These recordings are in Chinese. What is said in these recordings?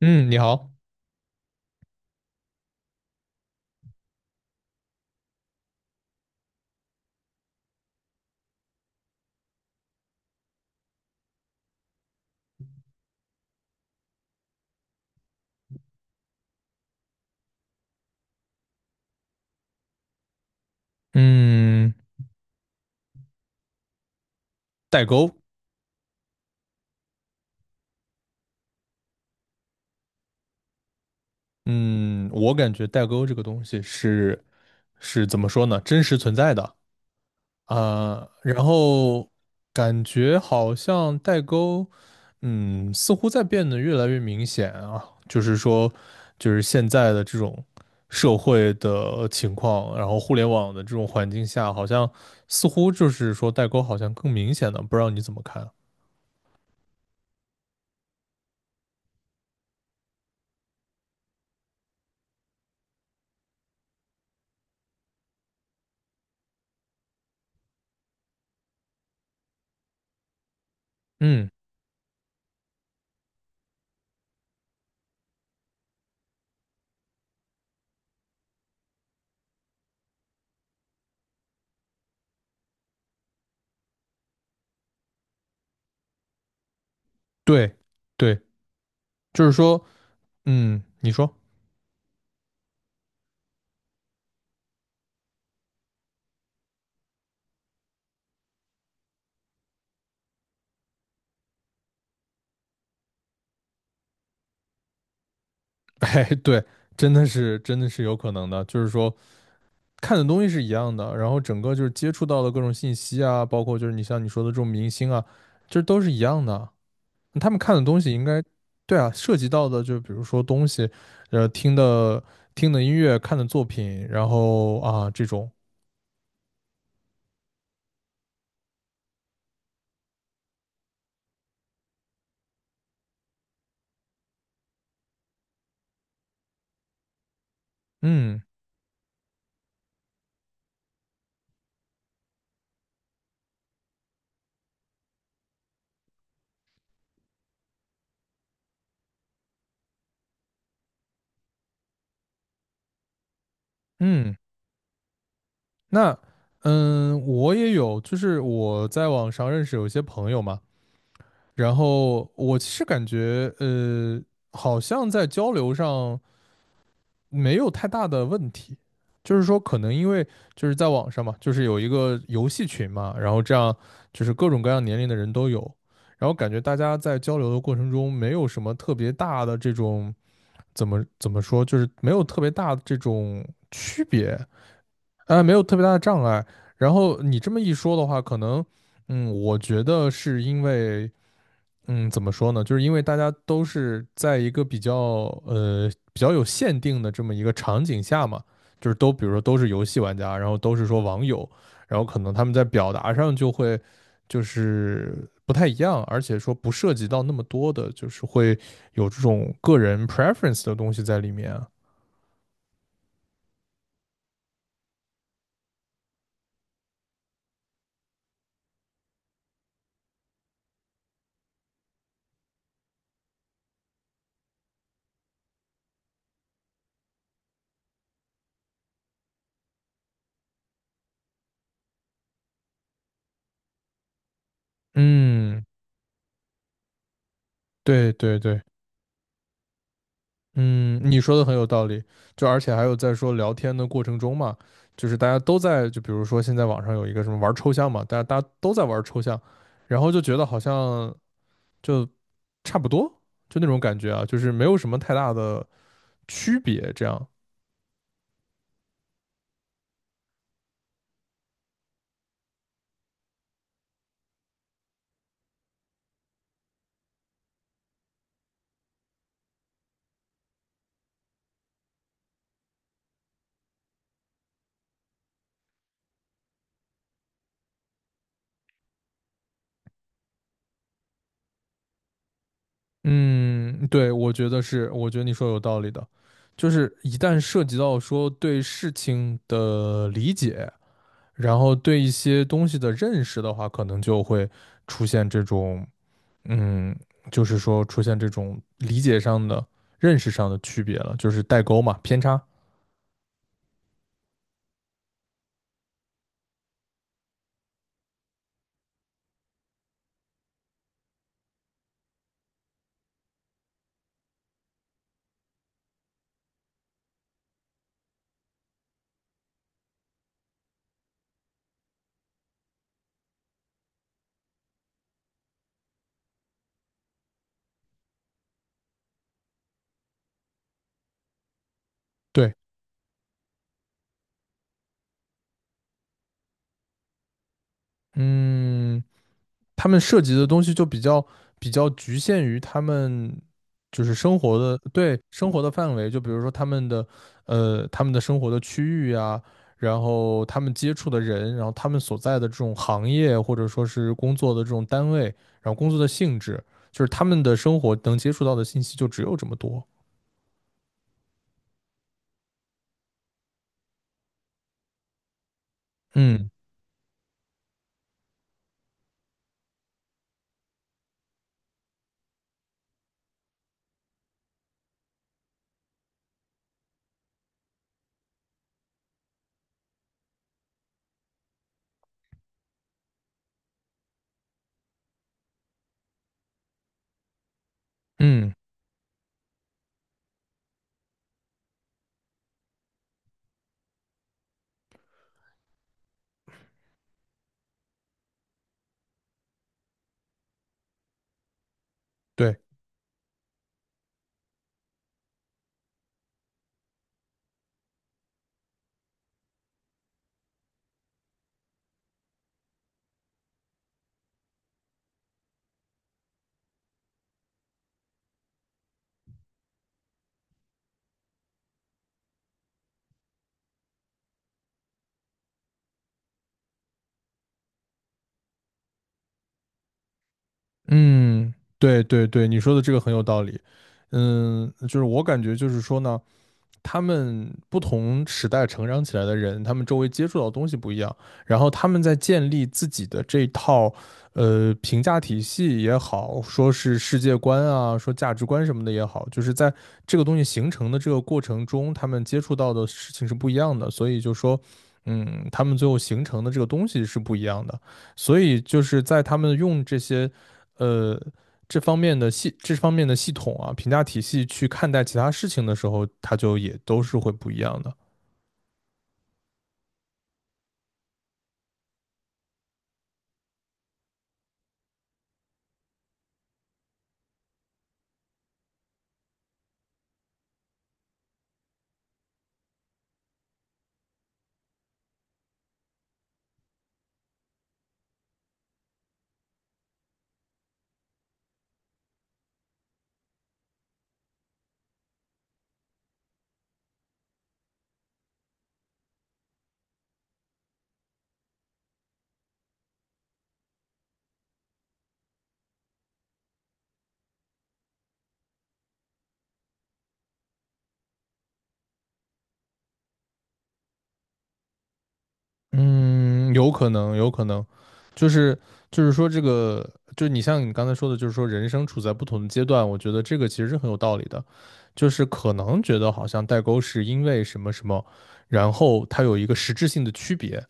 嗯，你好。嗯，代沟。嗯，我感觉代沟这个东西是是怎么说呢？真实存在的啊。然后感觉好像代沟，嗯，似乎在变得越来越明显啊。就是说，就是现在的这种社会的情况，然后互联网的这种环境下，好像似乎就是说代沟好像更明显了，不知道你怎么看啊？嗯，对，对，就是说，嗯，你说。哎，对，真的是有可能的。就是说看的东西是一样的，然后整个就是接触到的各种信息啊，包括就是你像你说的这种明星啊，这都是一样的。他们看的东西应该，对啊，涉及到的就比如说东西，呃，听的听的音乐，看的作品，然后啊这种，嗯。嗯，那嗯，我也有，就是我在网上认识有一些朋友嘛。然后我其实感觉好像在交流上没有太大的问题。就是说，可能因为就是在网上嘛，就是有一个游戏群嘛，然后这样就是各种各样年龄的人都有，然后感觉大家在交流的过程中，没有什么特别大的这种怎么说，就是没有特别大的这种区别，啊，没有特别大的障碍。然后你这么一说的话，可能，嗯，我觉得是因为嗯，怎么说呢？就是因为大家都是在一个比较比较有限定的这么一个场景下嘛，就是都比如说都是游戏玩家，然后都是说网友，然后可能他们在表达上就会就是不太一样，而且说不涉及到那么多的，就是会有这种个人 preference 的东西在里面啊。嗯，对对对。嗯，你说的很有道理。就而且还有在说聊天的过程中嘛，就是大家都在，就比如说现在网上有一个什么玩抽象嘛，大家都在玩抽象，然后就觉得好像就差不多，就那种感觉啊，就是没有什么太大的区别，这样。嗯，对，我觉得是，我觉得你说有道理的。就是一旦涉及到说对事情的理解，然后对一些东西的认识的话，可能就会出现这种。嗯，就是说出现这种理解上的、认识上的区别了，就是代沟嘛，偏差。对。嗯，他们涉及的东西就比较局限于他们就是生活的，对，生活的范围。就比如说他们的他们的生活的区域啊，然后他们接触的人，然后他们所在的这种行业或者说是工作的这种单位，然后工作的性质，就是他们的生活能接触到的信息就只有这么多。嗯。嗯，对。嗯，对对对，你说的这个很有道理。嗯，就是我感觉就是说呢，他们不同时代成长起来的人，他们周围接触到的东西不一样，然后他们在建立自己的这套评价体系也好，说是世界观啊，说价值观什么的也好，就是在这个东西形成的这个过程中，他们接触到的事情是不一样的，所以就说。嗯，他们最后形成的这个东西是不一样的，所以就是在他们用这些，呃，这方面的系统啊，评价体系去看待其他事情的时候，它就也都是会不一样的。嗯，有可能，有可能。就是就是说这个，就是你像你刚才说的，就是说人生处在不同的阶段，我觉得这个其实是很有道理的。就是可能觉得好像代沟是因为什么什么，然后它有一个实质性的区别，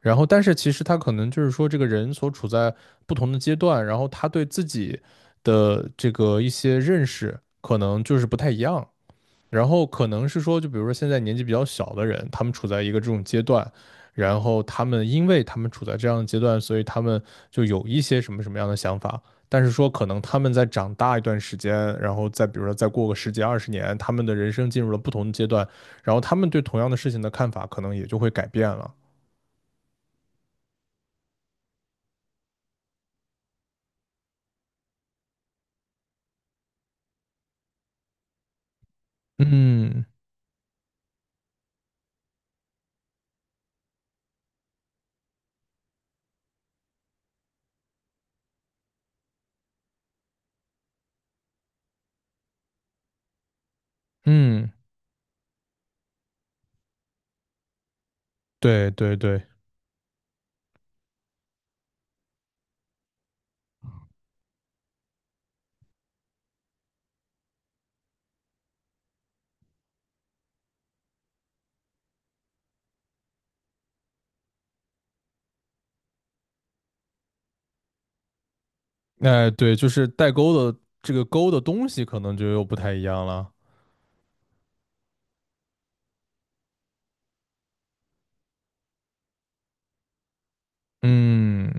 然后，但是其实他可能就是说，这个人所处在不同的阶段，然后他对自己的这个一些认识，可能就是不太一样。然后可能是说，就比如说现在年纪比较小的人，他们处在一个这种阶段，然后他们因为他们处在这样的阶段，所以他们就有一些什么什么样的想法。但是说，可能他们在长大一段时间，然后再比如说再过个十几二十年，他们的人生进入了不同的阶段，然后他们对同样的事情的看法可能也就会改变了。嗯。嗯，对对对，哎、对，就是代沟的这个沟的东西可能就又不太一样了。嗯，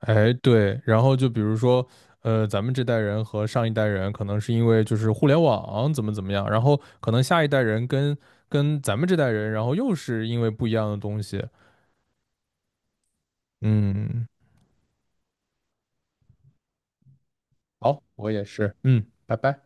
哎，对，然后就比如说，咱们这代人和上一代人可能是因为就是互联网怎么怎么样，然后可能下一代人跟咱们这代人，然后又是因为不一样的东西。嗯，好，我也是，嗯，拜拜。